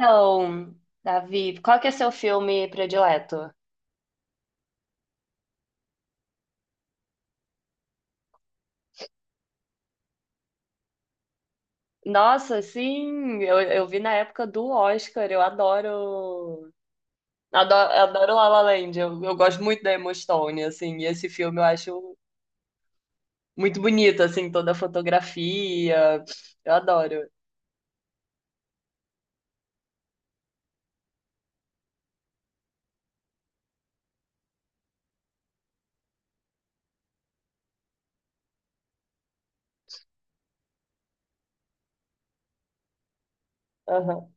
Então, Davi, qual que é seu filme predileto? Nossa, sim, eu vi na época do Oscar, eu adoro, adoro, adoro La La Land, eu gosto muito da Emma Stone, assim, e esse filme eu acho muito bonito, assim, toda a fotografia, eu adoro. Aham,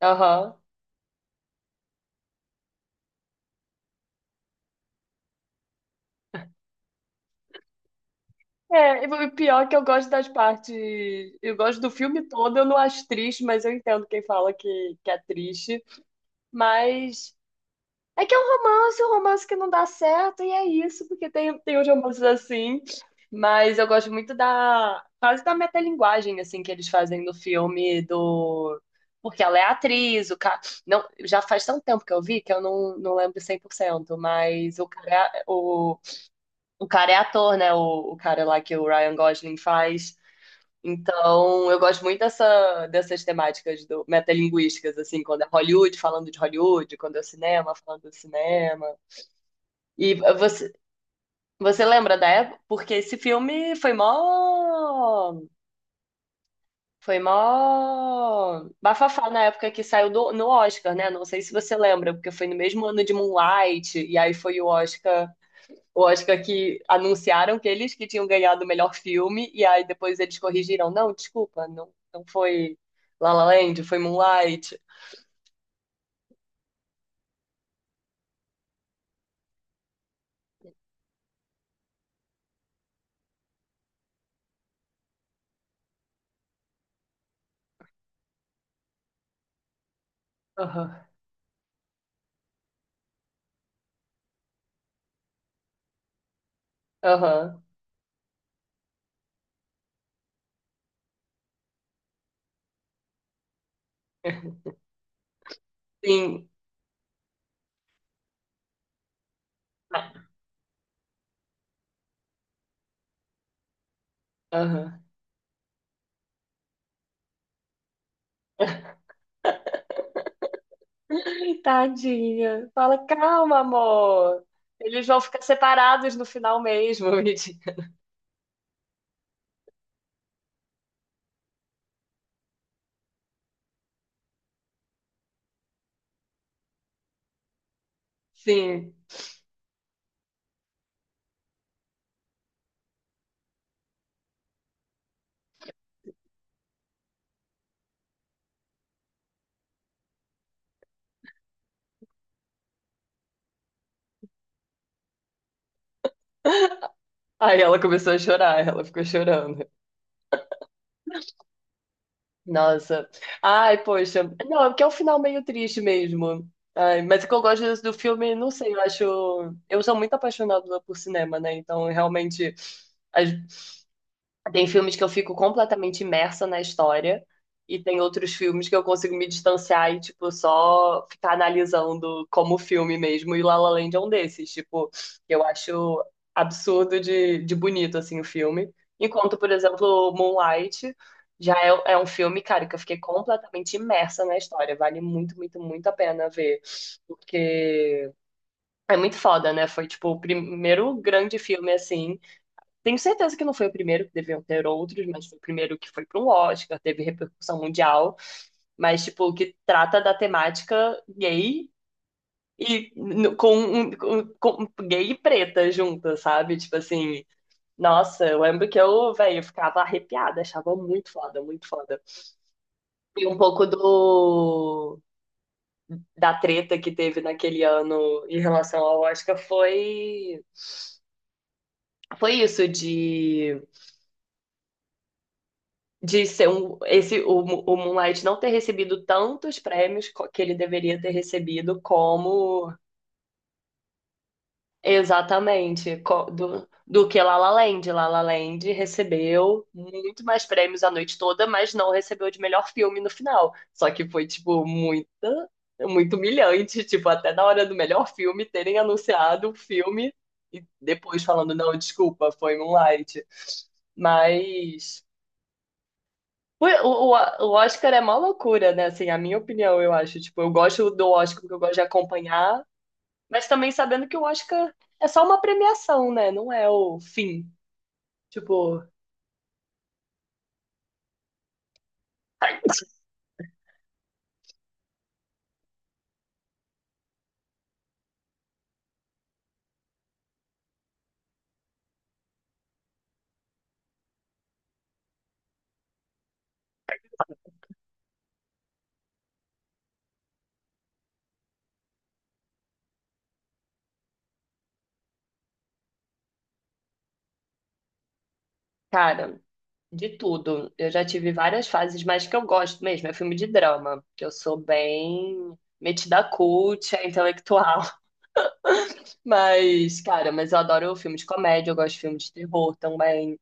aham. É, e o pior é que eu gosto das partes, eu gosto do filme todo, eu não acho triste, mas eu entendo quem fala que é triste, mas é que é um romance que não dá certo, e é isso, porque tem uns romances assim. Mas eu gosto muito da, quase da metalinguagem, assim, que eles fazem no filme do... Porque ela é atriz, o cara... Não, já faz tanto tempo que eu vi que eu não lembro 100%. Mas o cara é, o cara é ator, né? O cara lá que o Ryan Gosling faz. Então, eu gosto muito dessa, dessas temáticas do, metalinguísticas, assim, quando é Hollywood falando de Hollywood, quando é o cinema falando do cinema. E você lembra da época? Porque esse filme foi mó. Foi mó bafafá na época que saiu no Oscar, né? Não sei se você lembra, porque foi no mesmo ano de Moonlight, e aí foi o Oscar. O Oscar que anunciaram que eles que tinham ganhado o melhor filme, e aí depois eles corrigiram. Não, desculpa, não, não foi La La Land, foi Moonlight. Aham, aham. Sim. Aham. Tadinha. Fala, calma, amor. Eles vão ficar separados no final mesmo, Vidi. Sim. Aí ela começou a chorar, ela ficou chorando. Nossa. Ai, poxa. Não, é porque é um final meio triste mesmo. Ai, mas o que eu gosto do filme, não sei, eu acho. Eu sou muito apaixonada por cinema, né? Então, realmente. as- Tem filmes que eu fico completamente imersa na história e tem outros filmes que eu consigo me distanciar e, tipo, só ficar analisando como filme mesmo. E La La Land é um desses, tipo, eu acho absurdo de bonito, assim, o filme. Enquanto, por exemplo, Moonlight já é, é um filme, cara, que eu fiquei completamente imersa na história. Vale muito, muito, muito a pena ver. Porque é muito foda, né? Foi, tipo, o primeiro grande filme, assim, tenho certeza que não foi o primeiro, que deviam ter outros, mas foi o primeiro que foi para um Oscar, teve repercussão mundial, mas, tipo, que trata da temática gay e com gay e preta junta, sabe? Tipo assim, nossa, eu lembro que eu, velho, eu ficava arrepiada, achava muito foda, muito foda. E um pouco do da treta que teve naquele ano em relação ao Oscar foi isso de ser o Moonlight não ter recebido tantos prêmios que ele deveria ter recebido como exatamente do, do que La La Land. La La Land recebeu muito mais prêmios a noite toda, mas não recebeu de melhor filme no final. Só que foi, tipo, muita, muito humilhante, tipo, até na hora do melhor filme terem anunciado o filme e depois falando, não, desculpa, foi Moonlight. Mas O, o, o Oscar é mó loucura, né? Assim, a minha opinião, eu acho. Tipo, eu gosto do Oscar porque eu gosto de acompanhar, mas também sabendo que o Oscar é só uma premiação, né? Não é o fim. Tipo, cara, de tudo. Eu já tive várias fases, mas que eu gosto mesmo é filme de drama, que eu sou bem metida cult, é intelectual. Mas, cara, mas eu adoro filme de comédia, eu gosto de filme de terror também.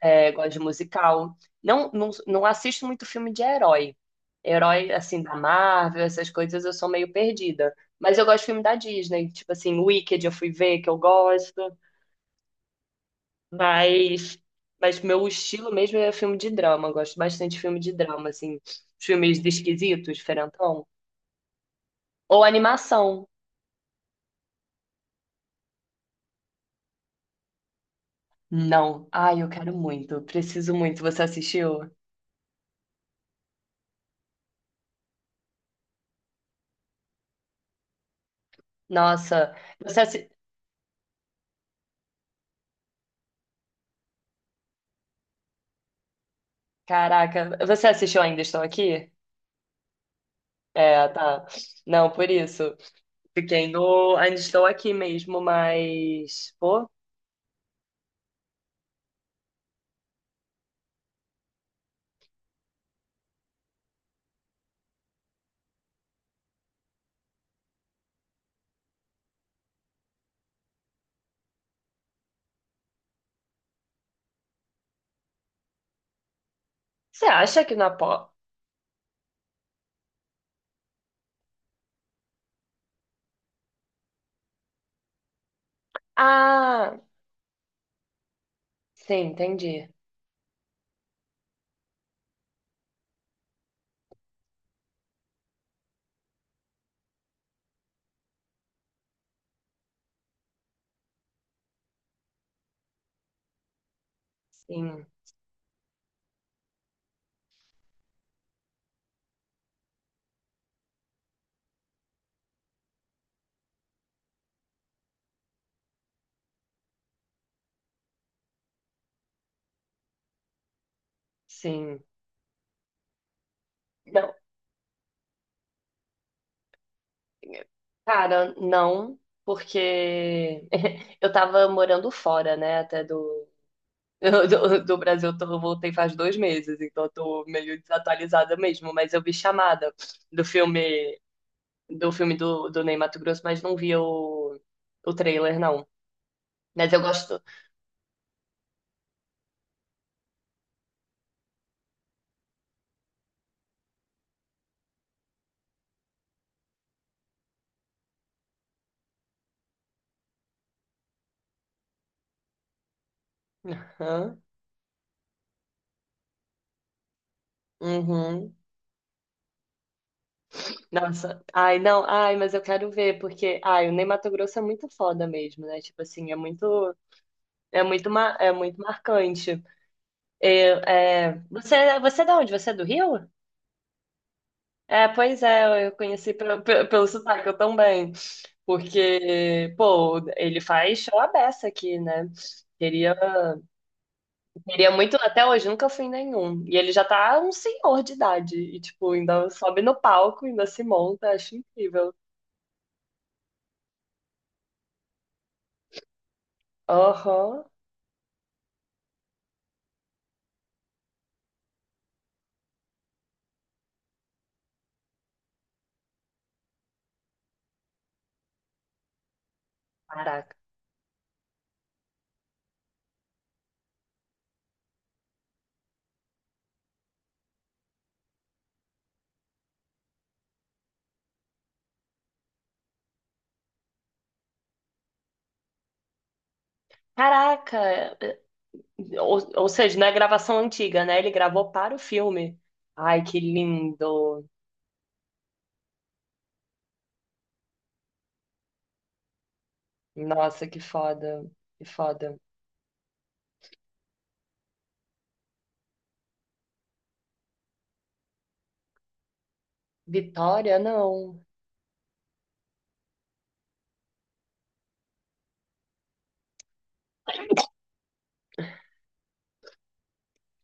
É, gosto de musical. Não, não, não assisto muito filme de herói. Herói, assim, da Marvel, essas coisas, eu sou meio perdida. Mas eu gosto de filme da Disney. Tipo assim, Wicked eu fui ver, que eu gosto. Mas, mas meu estilo mesmo é filme de drama. Eu gosto bastante de filme de drama, assim. Os filmes esquisitos, diferentão. Ou animação. Não. Ai, eu quero muito. Preciso muito. Você assistiu? Nossa. Você assi... Caraca. Você assistiu Ainda Estou Aqui? É, tá. Não, por isso. Fiquei no. Ainda estou aqui mesmo, mas. Pô, você acha que na pó. Ah, sim, entendi. Sim, sim. Não, cara, não, porque eu tava morando fora, né, até do. Do, do Brasil, eu voltei faz 2 meses, então eu tô meio desatualizada mesmo. Mas eu vi chamada do filme do filme do, do Ney Matogrosso, mas não vi o trailer, não. Mas eu gosto. Aham. Uhum. Nossa. Ai, não. Ai, mas eu quero ver, porque. Ai, o Ney Matogrosso é muito foda mesmo, né? Tipo assim, é muito. É muito, ma- é muito marcante. Eu, é... Você é de onde? Você é do Rio? É, pois é, eu conheci pelo, pelo sotaque, eu também. Porque, pô, ele faz show à beça aqui, né? Queria. Queria muito, até hoje nunca fui em nenhum. E ele já tá um senhor de idade. E, tipo, ainda sobe no palco, ainda se monta. Acho incrível. Aham. Caraca. Caraca! Ou seja, não é gravação antiga, né? Ele gravou para o filme. Ai, que lindo! Nossa, que foda. Que foda. Vitória, não.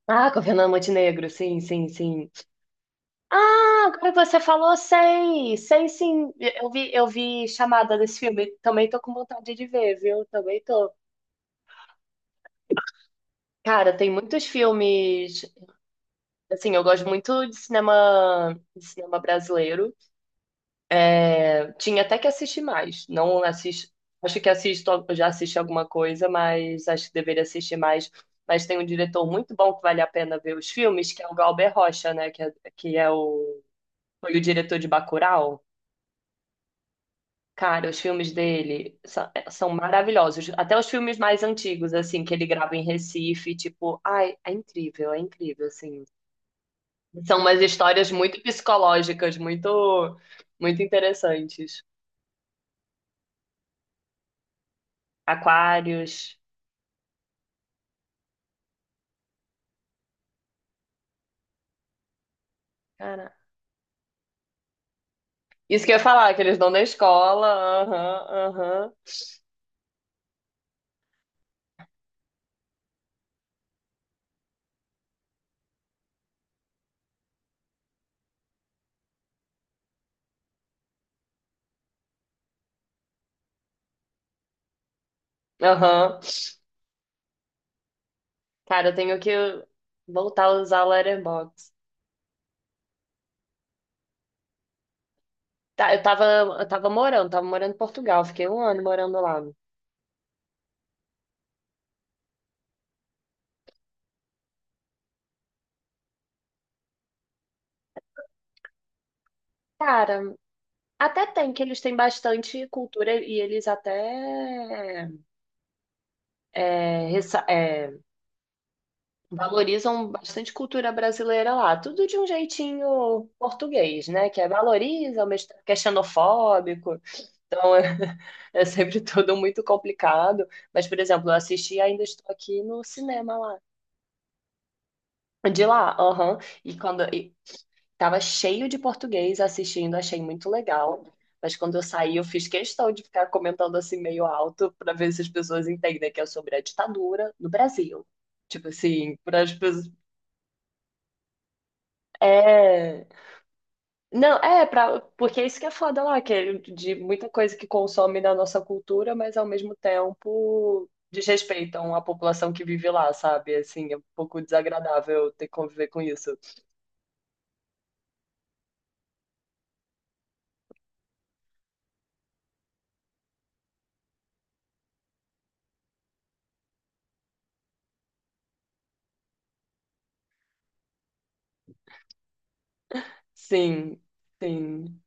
Ah, com a Fernanda Montenegro, sim, sim, sim. Ah, agora que você falou, sei. Sei sim. Eu vi chamada desse filme. Também tô com vontade de ver, viu? Também tô. Cara, tem muitos filmes. Assim, eu gosto muito de cinema brasileiro. É, tinha até que assistir mais. Não assisto. Acho que assisto, eu já assisti alguma coisa, mas acho que deveria assistir mais. Mas tem um diretor muito bom que vale a pena ver os filmes, que é o Galber Rocha, né? Foi o diretor de Bacurau. Cara, os filmes dele são maravilhosos. Até os filmes mais antigos, assim, que ele grava em Recife, tipo, ai, é incrível, assim. São umas histórias muito psicológicas, muito, muito interessantes. Aquários, cara. Isso que eu ia falar, que eles dão na escola, aham, aham, aham. Cara, eu tenho que voltar a usar o Letterboxd. Tá, eu tava, eu tava morando em Portugal, fiquei um ano morando lá. Cara, até tem, que eles têm bastante cultura e eles até é, valorizam bastante cultura brasileira lá. Tudo de um jeitinho português, né? Que é valoriza, mas que é xenofóbico. Então é, é sempre tudo muito complicado. Mas, por exemplo, eu assisti Ainda Estou Aqui no cinema lá. De lá, aham. E quando e tava cheio de português assistindo, achei muito legal. Mas quando eu saí, eu fiz questão de ficar comentando assim meio alto para ver se as pessoas entendem que é sobre a ditadura no Brasil. Tipo assim, para as pessoas. É. Não, é, pra... porque isso que é foda lá, que é de muita coisa que consome da nossa cultura, mas ao mesmo tempo desrespeitam a população que vive lá, sabe? Assim, é um pouco desagradável ter que conviver com isso. Sim, sim.